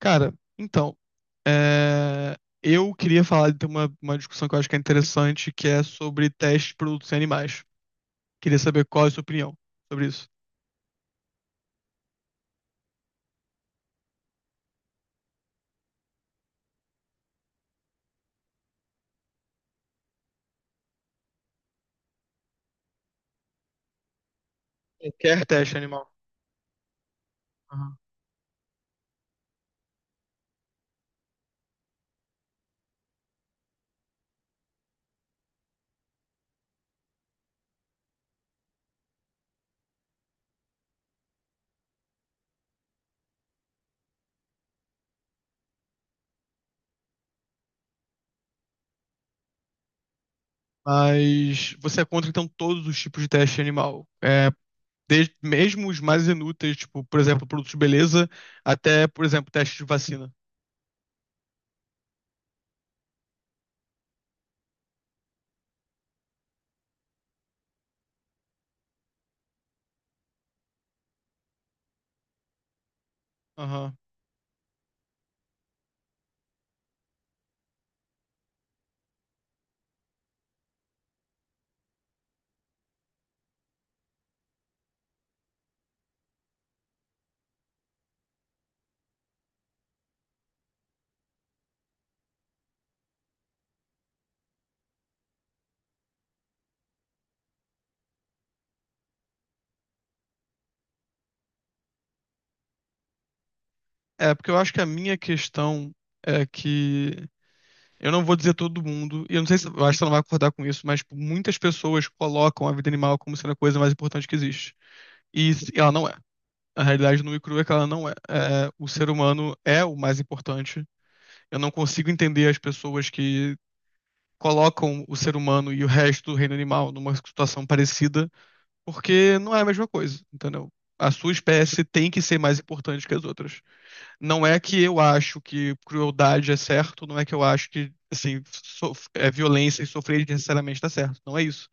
Cara, então, é, eu queria falar de uma discussão que eu acho que é interessante, que é sobre teste de produtos em animais. Queria saber qual é a sua opinião sobre isso. Qualquer teste animal. Aham. Mas você é contra, então, todos os tipos de teste animal. Desde, mesmo os mais inúteis, tipo, por exemplo, produtos de beleza, até, por exemplo, teste de vacina. Aham. Porque eu acho que a minha questão é que eu não vou dizer todo mundo, e eu não sei, se eu acho que você não vai concordar com isso, mas tipo, muitas pessoas colocam a vida animal como sendo a coisa mais importante que existe. E ela não é. A realidade nua e crua é que ela não é. O ser humano é o mais importante. Eu não consigo entender as pessoas que colocam o ser humano e o resto do reino animal numa situação parecida, porque não é a mesma coisa, entendeu? A sua espécie tem que ser mais importante que as outras. Não é que eu acho que crueldade é certo, não é que eu acho que, assim, violência e sofrer necessariamente está certo, não é isso.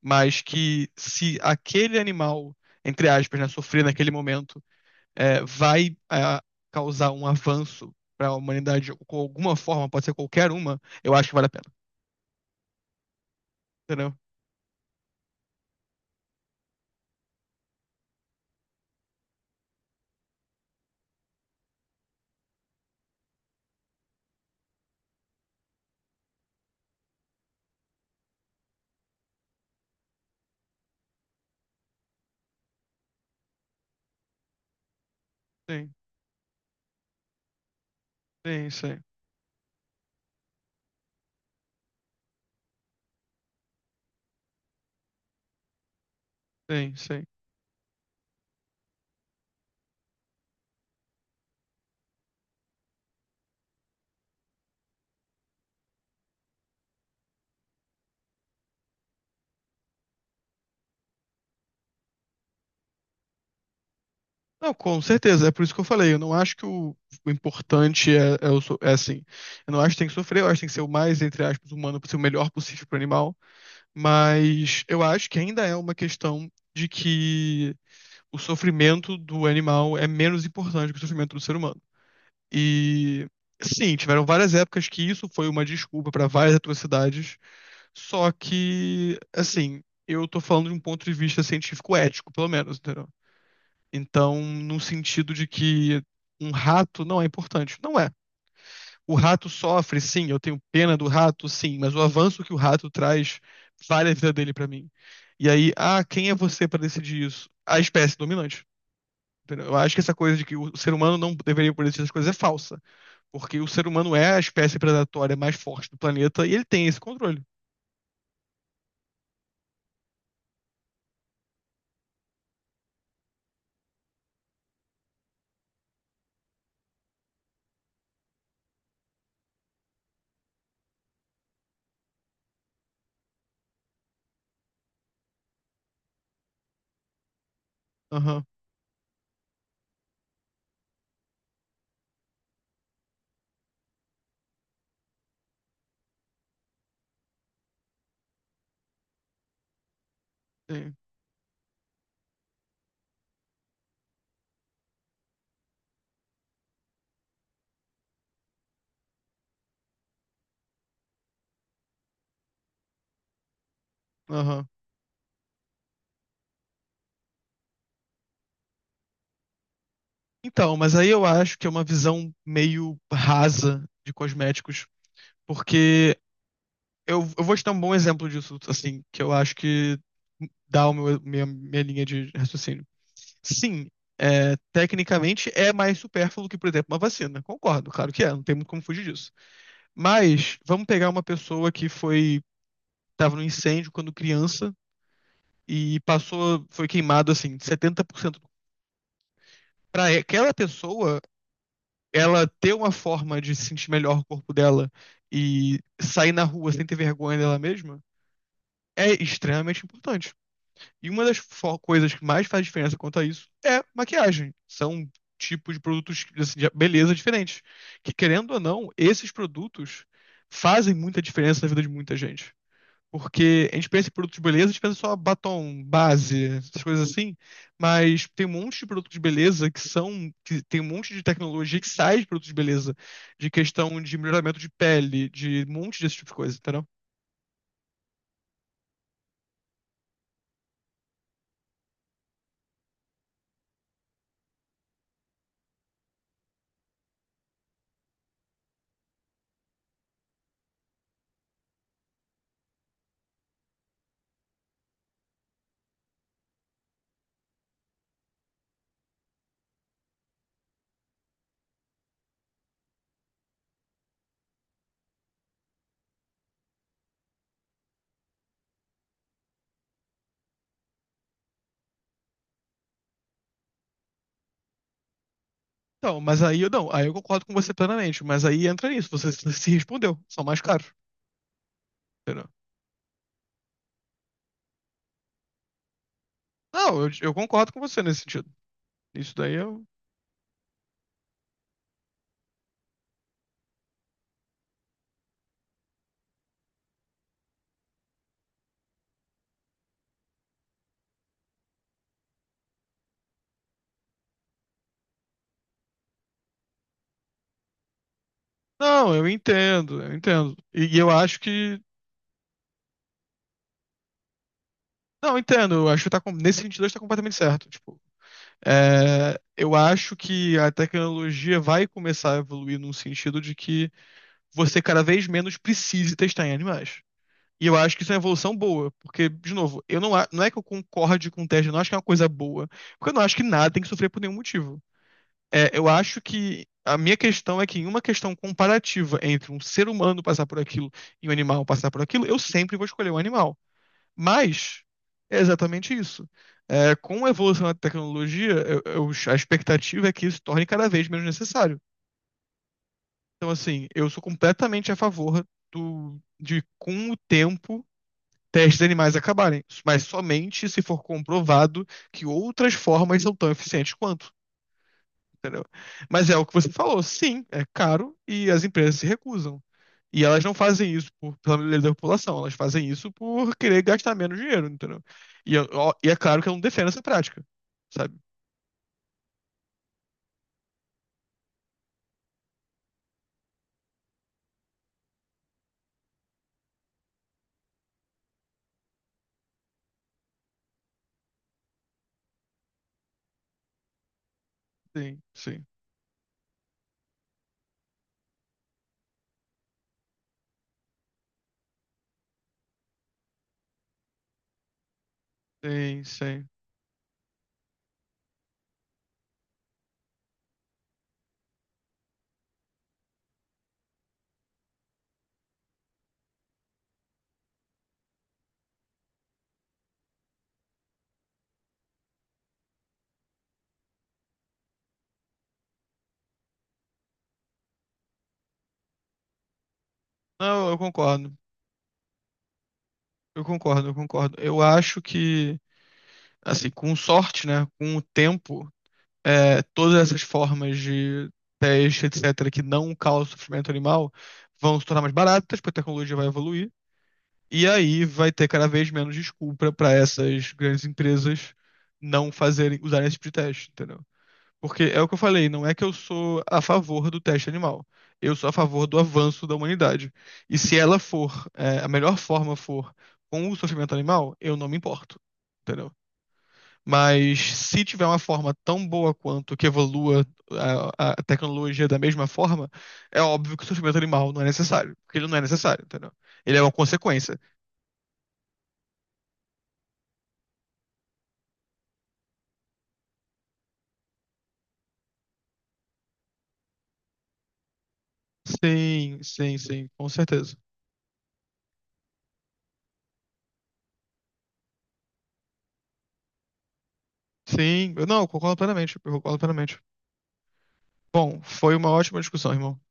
Mas que se aquele animal, entre aspas, né, sofrer naquele momento, vai causar um avanço para a humanidade com alguma forma, pode ser qualquer uma, eu acho que vale a pena, entendeu? Sim, sim, sim, sim, sim. Não, com certeza, é por isso que eu falei. Eu não acho que o importante é, é assim. Eu não acho que tem que sofrer, eu acho que tem que ser o mais, entre aspas, humano possível, o melhor possível para o animal. Mas eu acho que ainda é uma questão de que o sofrimento do animal é menos importante que o sofrimento do ser humano. E sim, tiveram várias épocas que isso foi uma desculpa para várias atrocidades, só que, assim, eu tô falando de um ponto de vista científico ético, pelo menos, entendeu? Então, no sentido de que um rato não é importante. Não é. O rato sofre, sim, eu tenho pena do rato, sim, mas o avanço que o rato traz vale a vida dele pra mim. E aí, ah, quem é você pra decidir isso? A espécie dominante. Entendeu? Eu acho que essa coisa de que o ser humano não deveria poder decidir essas coisas é falsa, porque o ser humano é a espécie predatória mais forte do planeta e ele tem esse controle. Aham, sim, aham. Então, mas aí eu acho que é uma visão meio rasa de cosméticos, porque eu vou te dar um bom exemplo disso, assim, que eu acho que dá o meu, minha linha de raciocínio. Sim, tecnicamente é mais supérfluo que, por exemplo, uma vacina. Concordo, claro que é, não tem muito como fugir disso. Mas vamos pegar uma pessoa que foi estava no incêndio quando criança e passou, foi queimado assim, 70%. Para aquela pessoa, ela ter uma forma de sentir melhor o corpo dela e sair na rua sem ter vergonha dela mesma é extremamente importante. E uma das coisas que mais faz diferença quanto a isso é maquiagem. São tipos de produtos, assim, de beleza diferentes. Que, querendo ou não, esses produtos fazem muita diferença na vida de muita gente. Porque a gente pensa em produtos de beleza, a gente pensa só batom, base, essas coisas assim. Mas tem um monte de produtos de beleza que são. Que tem um monte de tecnologia que sai de produtos de beleza. De questão de melhoramento de pele, de um monte desse tipo de coisa, entendeu? Então, mas aí eu não, aí eu concordo com você plenamente, mas aí entra nisso, você se respondeu, são mais caros, entendeu? Não, eu concordo com você nesse sentido. Isso daí eu. Não, eu entendo, eu entendo. E eu acho que. Não, eu entendo, eu acho que tá nesse sentido está completamente certo. Tipo, eu acho que a tecnologia vai começar a evoluir num sentido de que você cada vez menos precise testar em animais. E eu acho que isso é uma evolução boa, porque, de novo, eu não, não é que eu concorde com o teste, eu não acho que é uma coisa boa, porque eu não acho que nada tem que sofrer por nenhum motivo. Eu acho que a minha questão é que em uma questão comparativa entre um ser humano passar por aquilo e um animal passar por aquilo, eu sempre vou escolher um animal. Mas é exatamente isso. Com a evolução da tecnologia, a expectativa é que isso torne cada vez menos necessário. Então, assim, eu sou completamente a favor com o tempo testes de animais acabarem, mas somente se for comprovado que outras formas são tão eficientes quanto, entendeu? Mas é o que você falou, sim, é caro e as empresas se recusam. E elas não fazem isso pela melhoria da população, elas fazem isso por querer gastar menos dinheiro, entendeu? E é claro que eu não defendo essa prática, sabe? Sim, sim, sim, sim. Não, eu concordo, eu concordo, eu concordo. Eu acho que, assim, com sorte, né, com o tempo todas essas formas de teste, etc., que não causam sofrimento animal, vão se tornar mais baratas, porque a tecnologia vai evoluir. E aí vai ter cada vez menos desculpa para essas grandes empresas não fazerem, usarem esse tipo de teste, entendeu? Porque é o que eu falei, não é que eu sou a favor do teste animal. Eu sou a favor do avanço da humanidade. E se ela for, a melhor forma for com o sofrimento animal, eu não me importo. Entendeu? Mas se tiver uma forma tão boa quanto, que evolua a tecnologia da mesma forma, é óbvio que o sofrimento animal não é necessário, porque ele não é necessário, entendeu? Ele é uma consequência. Sim, sim, sim, com certeza. Sim, eu não, eu concordo plenamente, eu concordo plenamente. Bom, foi uma ótima discussão, irmão.